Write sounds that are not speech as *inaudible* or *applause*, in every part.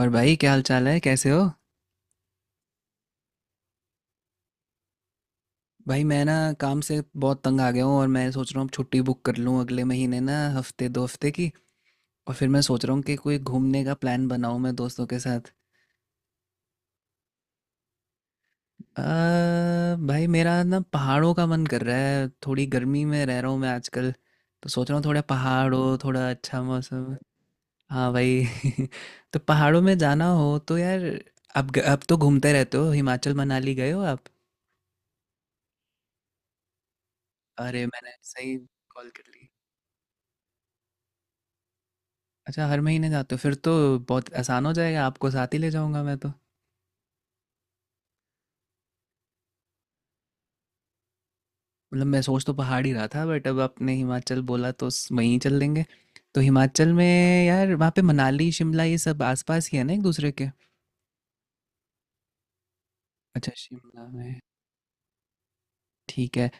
और भाई क्या हाल चाल है, कैसे हो? भाई मैं ना काम से बहुत तंग आ गया हूँ और मैं सोच रहा हूँ अब छुट्टी बुक कर लूँ अगले महीने ना, हफ्ते 2 हफ्ते की। और फिर मैं सोच रहा हूँ कि कोई घूमने का प्लान बनाऊँ मैं दोस्तों के साथ। भाई मेरा ना पहाड़ों का मन कर रहा है, थोड़ी गर्मी में रह रहा हूँ मैं आजकल। तो सोच रहा हूँ थोड़ा पहाड़ हो, थोड़ा अच्छा मौसम। हाँ भाई *laughs* तो पहाड़ों में जाना हो तो यार, अब तो घूमते रहते हो, हिमाचल मनाली गए हो आप? अरे मैंने सही कॉल कर ली। अच्छा, हर महीने जाते हो फिर तो। बहुत आसान हो जाएगा, आपको साथ ही ले जाऊंगा मैं तो। मतलब मैं सोच तो पहाड़ ही रहा था, बट अब आपने हिमाचल बोला तो वहीं चल देंगे। तो हिमाचल में, यार वहाँ पे मनाली शिमला ये सब आसपास ही है ना एक दूसरे के? अच्छा शिमला में। ठीक है।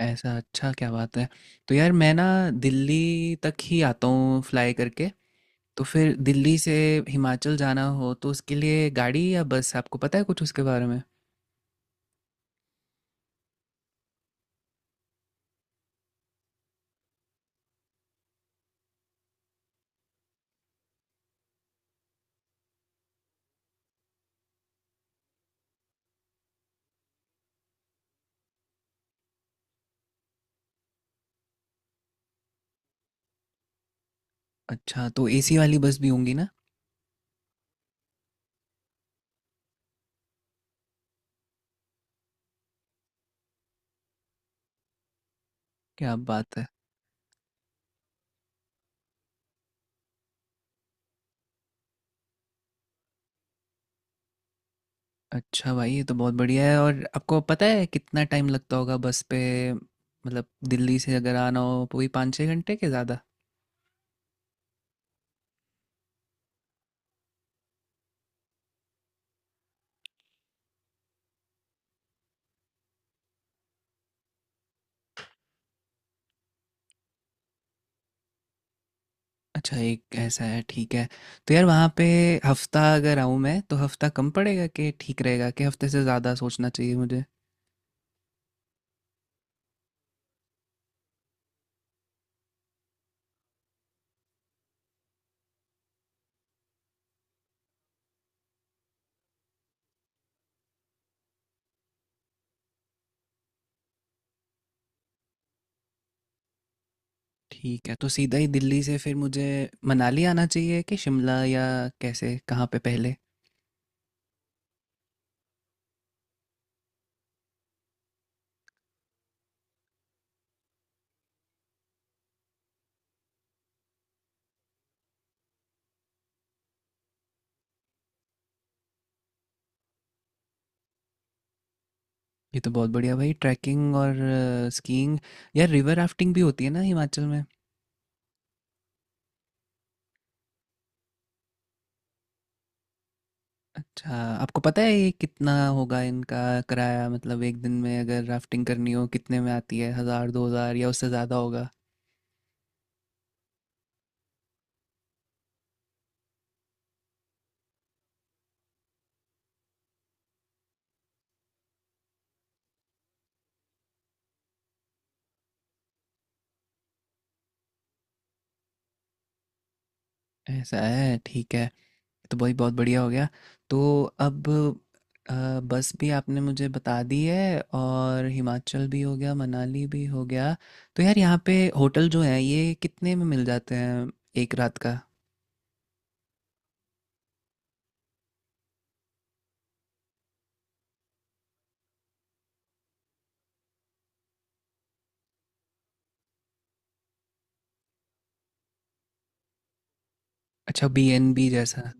ऐसा? अच्छा, क्या बात है। तो यार मैं ना दिल्ली तक ही आता हूँ फ्लाई करके। तो फिर दिल्ली से हिमाचल जाना हो तो उसके लिए गाड़ी या बस, आपको पता है कुछ उसके बारे में? अच्छा, तो एसी वाली बस भी होंगी ना? क्या बात है। अच्छा भाई ये तो बहुत बढ़िया है, और आपको पता है कितना टाइम लगता होगा बस पे? मतलब दिल्ली से अगर आना हो तो वही 5-6 घंटे के ज़्यादा? अच्छा, एक ऐसा है। ठीक है। तो यार वहाँ पे हफ्ता अगर आऊँ मैं तो हफ्ता कम पड़ेगा, कि ठीक रहेगा, कि हफ्ते से ज़्यादा सोचना चाहिए मुझे? ठीक है, तो सीधा ही दिल्ली से फिर मुझे मनाली आना चाहिए कि शिमला, या कैसे, कहाँ पे पहले? ये तो बहुत बढ़िया भाई, ट्रैकिंग और स्कीइंग। यार रिवर राफ्टिंग भी होती है ना हिमाचल? अच्छा, आपको पता है ये कितना होगा इनका किराया, मतलब एक दिन में अगर राफ्टिंग करनी हो कितने में आती है, हज़ार दो हज़ार या उससे ज़्यादा होगा? ऐसा है, ठीक है। तो भाई बहुत बढ़िया हो गया। तो अब अ, बस भी आपने मुझे बता दी है, और हिमाचल भी हो गया, मनाली भी हो गया। तो यार यहाँ पे होटल जो है, ये कितने में मिल जाते हैं एक रात का? अच्छा, बी एन बी जैसा।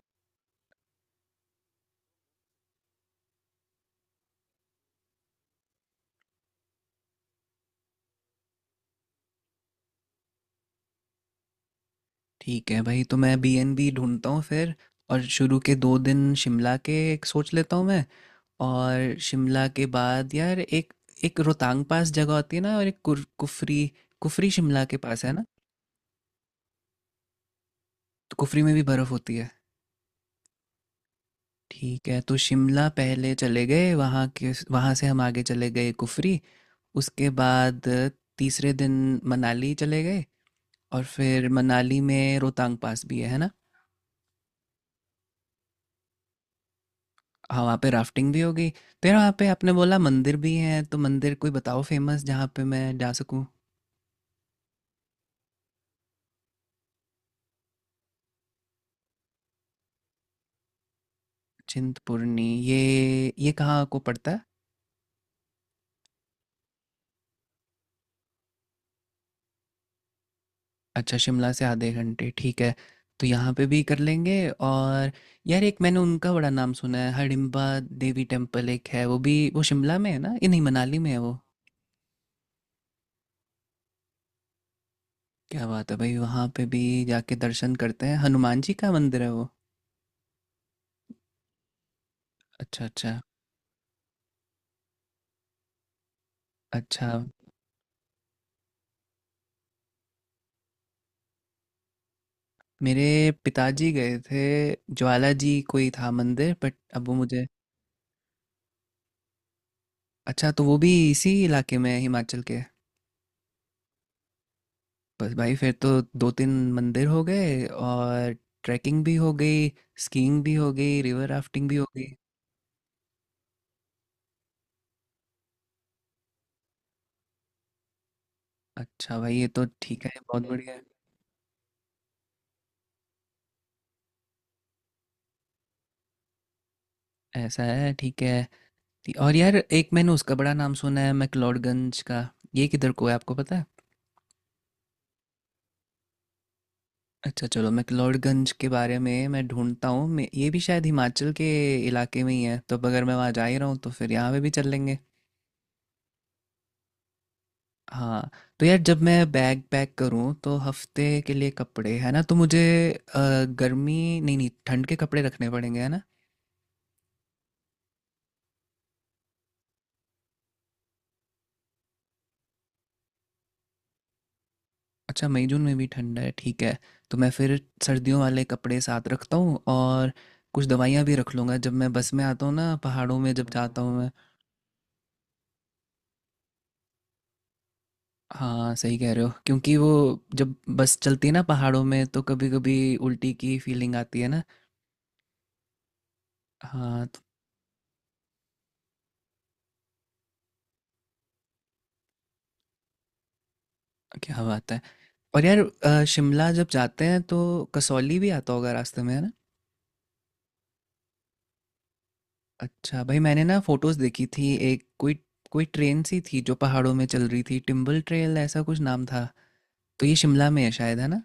ठीक है भाई, तो मैं बी एन बी ढूंढता हूँ फिर। और शुरू के 2 दिन शिमला के एक सोच लेता हूँ मैं। और शिमला के बाद यार एक एक रोहतांग पास जगह होती है ना, और एक कुफरी। कुफरी शिमला के पास है ना? तो कुफरी में भी बर्फ़ होती है। ठीक है, तो शिमला पहले चले गए, वहाँ से हम आगे चले गए कुफरी। उसके बाद तीसरे दिन मनाली चले गए, और फिर मनाली में रोहतांग पास भी है ना? हाँ वहाँ पे राफ्टिंग भी हो गई, तो यार वहाँ पे आपने बोला मंदिर भी हैं, तो मंदिर कोई बताओ फेमस जहाँ पे मैं जा सकूँ? चिंतपूर्णी? ये कहाँ को पड़ता है? अच्छा, शिमला से आधे घंटे, ठीक है। तो यहाँ पे भी कर लेंगे। और यार एक मैंने उनका बड़ा नाम सुना है, हडिम्बा देवी टेम्पल, एक है वो भी। वो शिमला में है ना? ये नहीं, मनाली में है वो? क्या बात है भाई, वहाँ पे भी जाके दर्शन करते हैं। हनुमान जी का मंदिर है वो। अच्छा, अच्छा, अच्छा। मेरे पिताजी गए थे, ज्वाला जी कोई था मंदिर, बट अब वो मुझे। अच्छा, तो वो भी इसी इलाके में है, हिमाचल के? बस भाई, फिर तो दो तीन मंदिर हो गए, और ट्रैकिंग भी हो गई, स्कीइंग भी हो गई, रिवर राफ्टिंग भी हो गई। अच्छा भाई ये तो ठीक है, बहुत बढ़िया है। ऐसा है, ठीक है। और यार एक मैंने उसका बड़ा नाम सुना है, मैक्लोडगंज का। ये किधर को है, आपको पता है? अच्छा, चलो, मैक्लोडगंज के बारे में मैं ढूंढता हूँ। ये भी शायद हिमाचल के इलाके में ही है, तो अब अगर मैं वहाँ जा ही रहा हूँ तो फिर यहाँ पे भी चल लेंगे। हाँ। तो यार जब मैं बैग पैक करूँ तो हफ्ते के लिए कपड़े है ना, तो मुझे अ, गर्मी नहीं, नहीं, ठंड के कपड़े रखने पड़ेंगे है ना? अच्छा, मई जून में भी ठंड है, ठीक है। तो मैं फिर सर्दियों वाले कपड़े साथ रखता हूँ, और कुछ दवाइयाँ भी रख लूँगा, जब मैं बस में आता हूँ ना पहाड़ों में, जब जाता हूँ मैं। हाँ सही कह रहे हो, क्योंकि वो जब बस चलती है ना पहाड़ों में तो कभी कभी उल्टी की फीलिंग आती है ना। हाँ तो। क्या बात है। और यार शिमला जब जाते हैं तो कसौली भी आता होगा रास्ते में, है ना? अच्छा भाई, मैंने ना फोटोज देखी थी, एक कोई कोई ट्रेन सी थी जो पहाड़ों में चल रही थी, टिम्बल ट्रेल ऐसा कुछ नाम था। तो ये शिमला में है शायद, है ना?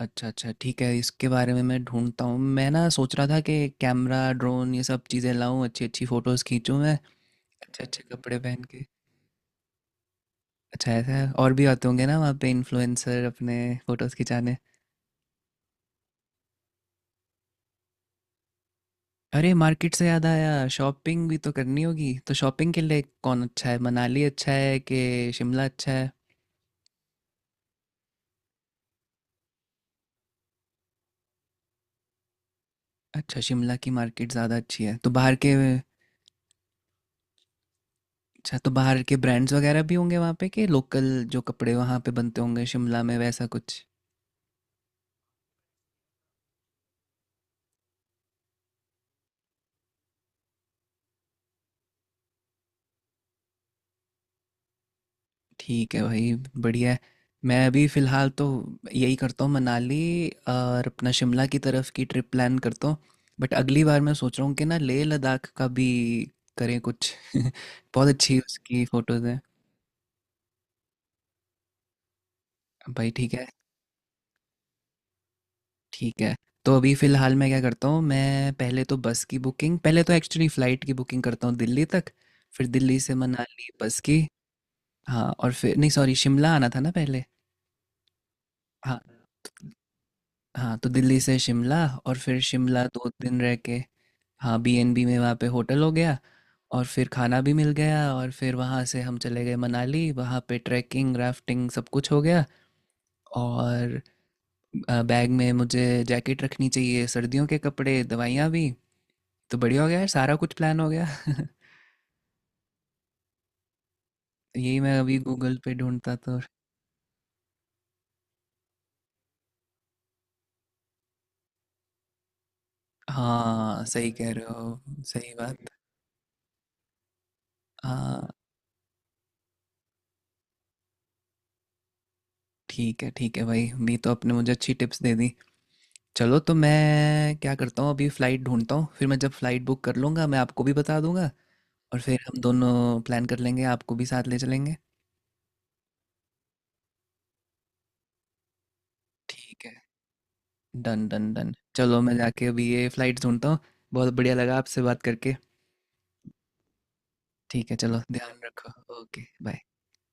अच्छा, अच्छा, ठीक है, इसके बारे में मैं ढूंढता हूँ। मैं ना सोच रहा था कि कैमरा, ड्रोन, ये सब चीज़ें लाऊं, अच्छी अच्छी फोटोज खींचूं मैं। अच्छे अच्छे कपड़े पहन के। अच्छा ऐसा है? और भी आते होंगे ना वहाँ पे इन्फ्लुएंसर अपने फोटोज खिंचाने? अरे मार्केट से याद आया, शॉपिंग भी तो करनी होगी। तो शॉपिंग के लिए कौन अच्छा है, मनाली अच्छा है कि शिमला अच्छा है? अच्छा, शिमला की मार्केट ज़्यादा अच्छी है? तो बाहर के, अच्छा, तो बाहर के ब्रांड्स वगैरह भी होंगे वहाँ पे, कि लोकल जो कपड़े वहाँ पे बनते होंगे शिमला में, वैसा कुछ? ठीक है भाई, बढ़िया है। मैं अभी फ़िलहाल तो यही करता हूँ, मनाली और अपना शिमला की तरफ की ट्रिप प्लान करता हूँ, बट अगली बार मैं सोच रहा हूँ कि ना लेह लद्दाख का भी करें कुछ *laughs* बहुत अच्छी उसकी फ़ोटोज़। भाई ठीक है। ठीक है, तो अभी फ़िलहाल मैं क्या करता हूँ, मैं पहले तो बस की बुकिंग, पहले तो एक्चुअली फ़्लाइट की बुकिंग करता हूँ दिल्ली तक। फिर दिल्ली से मनाली बस की। हाँ, और फिर नहीं, सॉरी, शिमला आना था ना पहले। हाँ। हाँ, तो दिल्ली से शिमला, और फिर शिमला 2 दिन रह के। हाँ, बीएनबी में वहाँ पे होटल हो गया, और फिर खाना भी मिल गया, और फिर वहाँ से हम चले गए मनाली, वहाँ पे ट्रैकिंग, राफ्टिंग सब कुछ हो गया। और बैग में मुझे जैकेट रखनी चाहिए, सर्दियों के कपड़े, दवाइयाँ भी। तो बढ़िया हो गया यार, सारा कुछ प्लान हो गया *laughs* यही मैं अभी गूगल पे ढूंढता तो। हाँ सही कह रहे हो। सही बात। हाँ, ठीक है, ठीक है भाई, भी तो आपने मुझे अच्छी टिप्स दे दी। चलो, तो मैं क्या करता हूँ, अभी फ़्लाइट ढूंढता हूँ, फिर मैं जब फ़्लाइट बुक कर लूँगा मैं आपको भी बता दूंगा। और फिर हम दोनों प्लान कर लेंगे, आपको भी साथ ले चलेंगे। ठीक है। डन डन डन, चलो मैं जाके अभी ये फ़्लाइट ढूंढता हूँ। बहुत बढ़िया लगा आपसे बात करके। ठीक है, चलो ध्यान रखो। Okay bye.